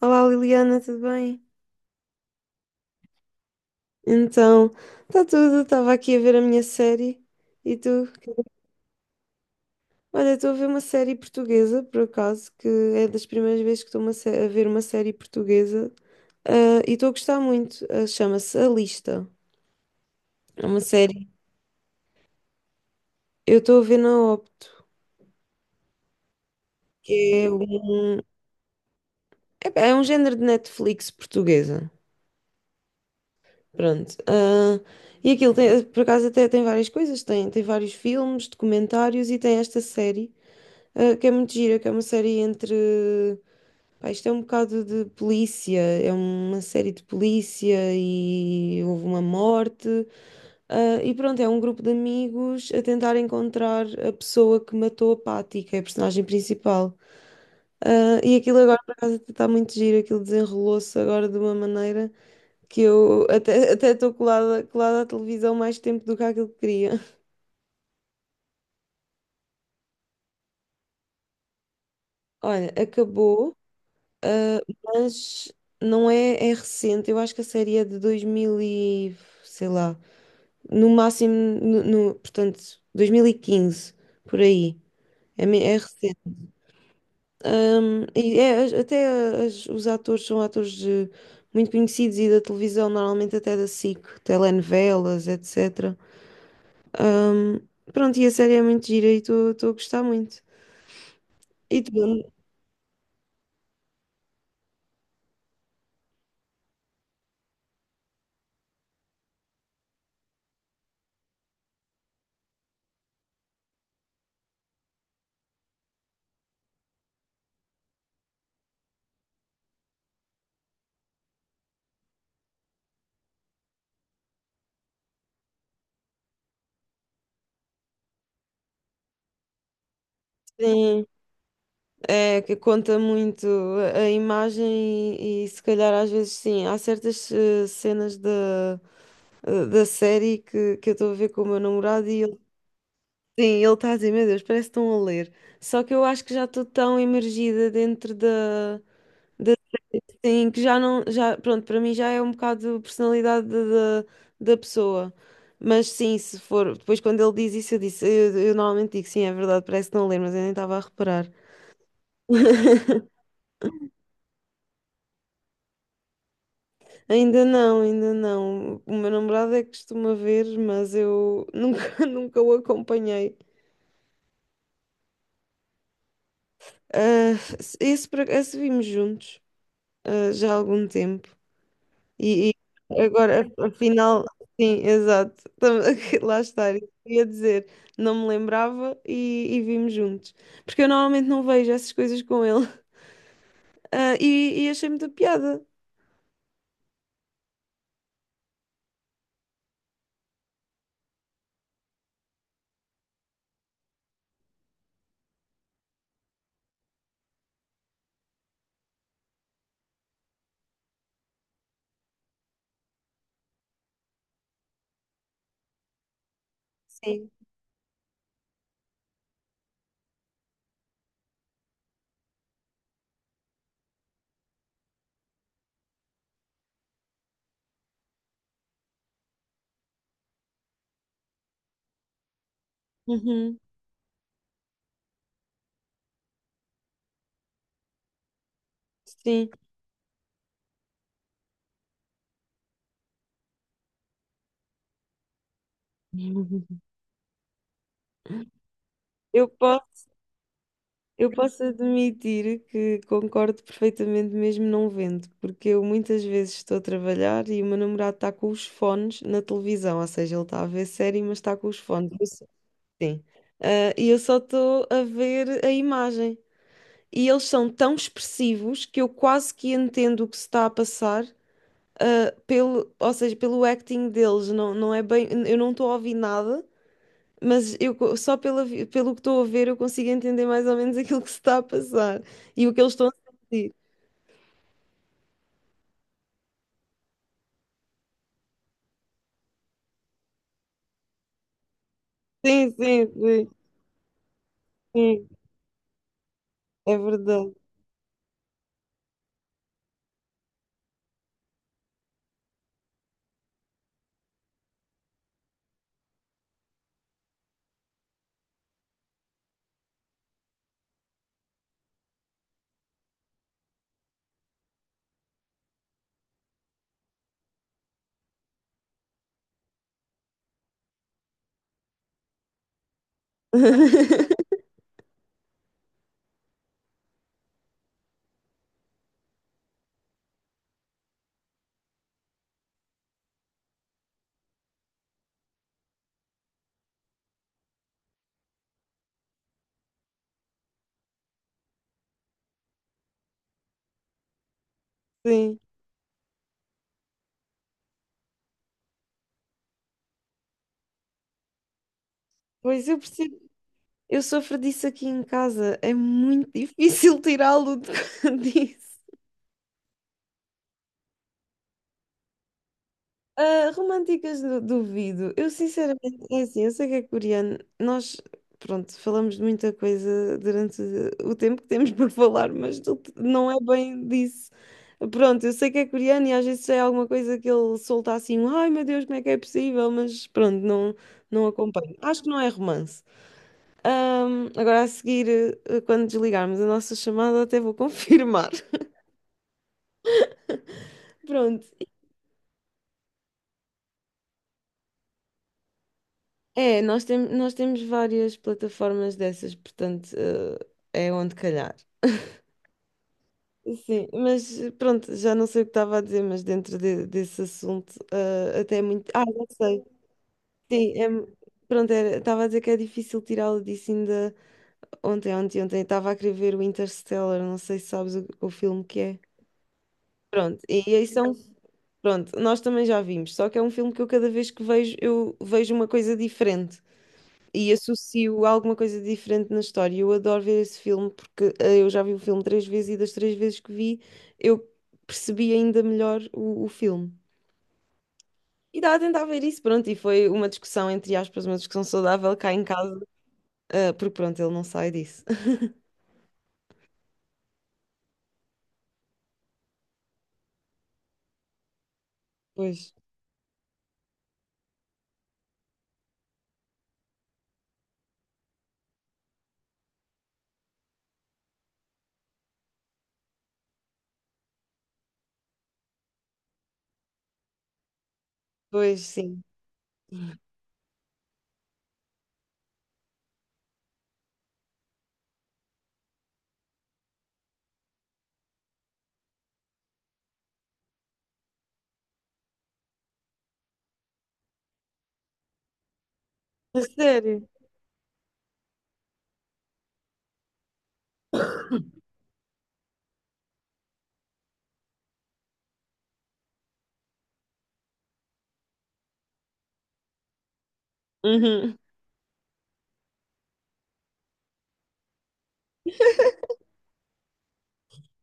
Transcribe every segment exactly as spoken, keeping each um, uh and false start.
Olá Liliana, tudo bem? Então, está tudo, estava aqui a ver a minha série e tu? Olha, estou a ver uma série portuguesa, por acaso, que é das primeiras vezes que estou uma sé- a ver uma série portuguesa ah, e estou a gostar muito. Ah, chama-se A Lista. É uma série. Eu estou a ver na Opto, que é um, é, é um género de Netflix portuguesa. Pronto. Ah, e aquilo, tem, por acaso, até tem várias coisas: tem, tem vários filmes, documentários e tem esta série. Ah, que é muito gira, que é uma série entre. Pá, isto é um bocado de polícia, é uma série de polícia e houve uma morte. Ah, e pronto, é um grupo de amigos a tentar encontrar a pessoa que matou a Patty, que é a personagem principal. Ah, e aquilo agora, por acaso, está muito giro, aquilo desenrolou-se agora de uma maneira que eu até até estou colada, colada à televisão mais tempo do que aquilo que queria. Olha, acabou. Ah, mas não é, é recente, eu acho que a série é de dois mil e, sei lá, no máximo, no, no- portanto, dois mil e quinze por aí, é, me- é recente. Ahm, e é- as- até as- os atores são atores eh, muito conhecidos e da televisão, normalmente até da S I C, telenovelas, etecetera. Ahm, Pronto, e a série é muito gira e estou a gostar muito. E tu? Sim. É, que conta muito a a imagem e, e se calhar às vezes sim, há certas eh, cenas da, eh, da série que, que eu estou a ver com o meu namorado e ele, sim, ele está a dizer, meu Deus, parece que estão a ler. Só que eu acho que já estou tão imergida dentro da, da sim, que já não, já, pronto, para mim já é um bocado personalidade da, da da pessoa. Mas sim, se for, depois quando ele diz isso, eu disse, eu, eu normalmente digo, sim, é verdade, parece que estão a ler, mas eu nem estava a reparar. Ainda não, ainda não. O meu namorado é que costuma ver, mas eu nunca, nunca o acompanhei. Ah, esse, por ac- esse vimos juntos, ah, já há algum tempo. E, e agora, a- afinal, sim, exato. Tam- Lá está, eu ia dizer, não me lembrava e, e vimos juntos. Porque eu normalmente não vejo essas coisas com ele. Ah, e, e achei muita piada. Sim. Uhum, sim. Eu posso. Eu posso admitir que concordo perfeitamente, mesmo não vendo, porque eu muitas vezes estou a trabalhar e o meu namorado está com os fones na televisão, ou seja, ele está a ver série, mas está com os fones. Eu só- Sim. Ah, e eu só estou a ver a imagem. E eles são tão expressivos que eu quase que entendo o que se está a passar, ah, pelo, ou seja, pelo acting deles. Não, não é bem, eu não estou a ouvir nada mas eu, co- só pela, vi- pelo que estou a ver, eu consigo entender mais ou menos aquilo que se está a passar e o que eles estão a sentir. Sim, sim, sim, sim, é verdade. Sim, pois eu percebo. Eu sofro disso aqui em casa. É muito difícil tirá-lo de- disso. Ah, românticas du- duvido. Eu sinceramente, é assim, eu sei que é coreano. Nós, pronto, falamos de muita coisa durante o tempo que temos por falar, mas tu- não é bem disso. Pronto, eu sei que é coreano e às vezes é alguma coisa que ele solta assim, um, ai meu Deus, como é que é possível? Mas pronto, não, não acompanho. Acho que não é romance. Ahm, agora a seguir, eh, quando desligarmos a nossa chamada, até vou confirmar. Pronto. É, nós, tem, nós temos várias plataformas dessas, portanto, eh, é onde calhar. Sim, mas eh, pronto, já não sei o que estava a dizer, mas dentro de- desse assunto, eh, até é muito. Ah, já sei. Sim, é, pronto, era- estava a dizer que é difícil tirá-lo disso ainda. Ontem, ontem, ontem, estava a querer ver o Interstellar, não sei se sabes o, o filme que é. Pronto, e aí são. Pronto, nós também já vimos, só que é um filme que eu cada vez que vejo, eu vejo uma coisa diferente. E associo a alguma coisa diferente na história. Eu adoro ver esse filme porque eh, eu já vi o filme três vezes e das três vezes que vi eu percebi ainda melhor o, o filme. E estava a tentar ver isso, pronto, e foi uma discussão, entre aspas, uma discussão saudável cá em casa, eh, porque pronto, ele não sai disso. Pois, pois sim. A sério? Uhum.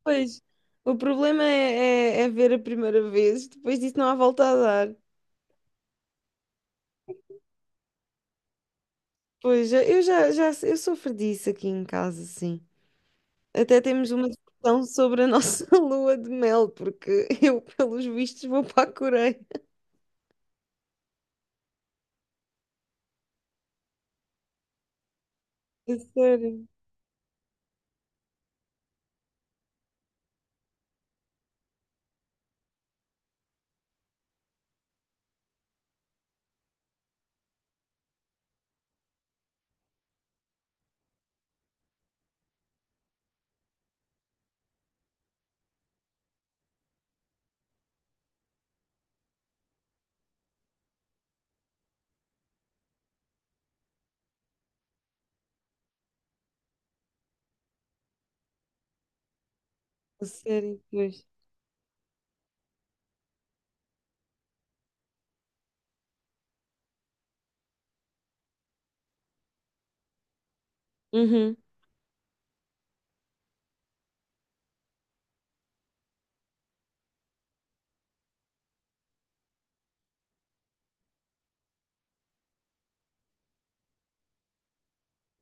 Pois, o problema é, é, é ver a primeira vez, depois disso não há volta a dar. Pois, eu já, já, eu sofro disso aqui em casa, sim. Até temos uma discussão sobre a nossa lua de mel, porque eu, pelos vistos, vou para a Coreia. A sério, a sério, pois. Uhum,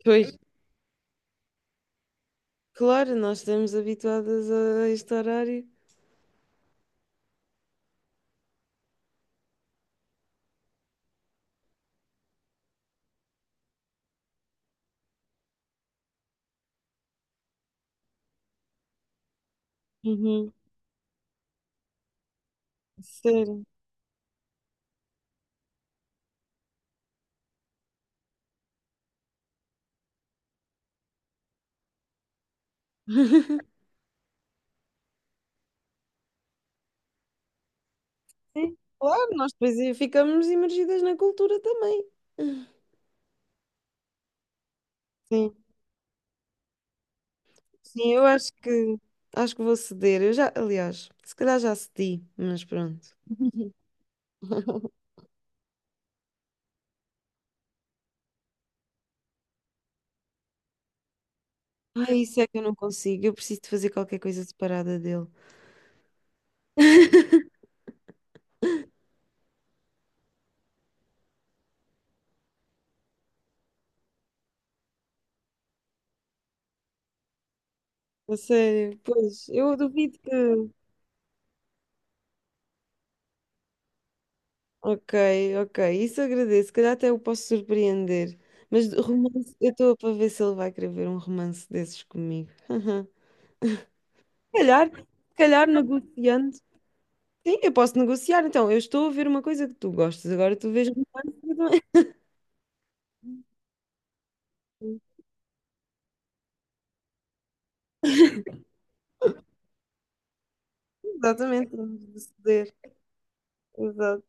pois. Claro, nós estamos habituadas a este horário. Uhum, a sério. Sim, claro, nós depois aí ficamos imergidas na cultura também. Sim, sim, eu acho que acho que vou ceder. Eu já, aliás, se calhar já cedi, mas pronto. Ai, isso é que eu não consigo. Eu preciso de fazer qualquer coisa separada dele. A sério, pois, eu duvido que. Ok, ok, isso agradeço. Se calhar até o posso surpreender. Mas de romance, eu estou para ver se ele vai querer ver um romance desses comigo. Se calhar, se calhar negociando. Sim, eu posso negociar. Então, eu estou a ver uma coisa que tu gostas, agora tu vês romance. que eu também- Exatamente, vamos decidir. Exato.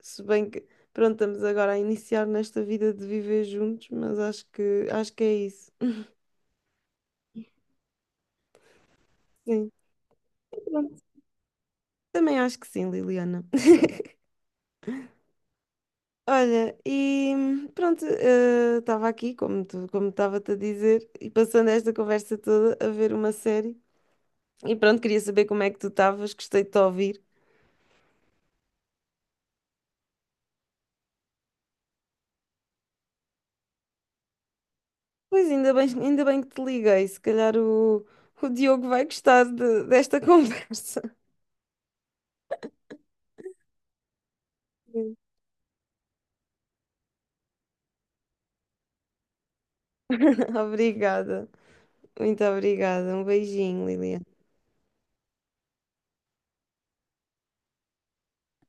Se bem que, pronto, estamos agora a iniciar nesta vida de viver juntos, mas acho que, acho que é isso. Sim, pronto. Também acho que sim, Liliana. Olha, e pronto, eh, estava aqui, como tu, como estava-te a dizer, e passando esta conversa toda a ver uma série. E pronto, queria saber como é que tu estavas, gostei de te ouvir. Pois ainda bem, ainda bem que te liguei, se calhar o, o Diogo vai gostar de- desta conversa. Obrigada, muito obrigada. Um beijinho, Liliana.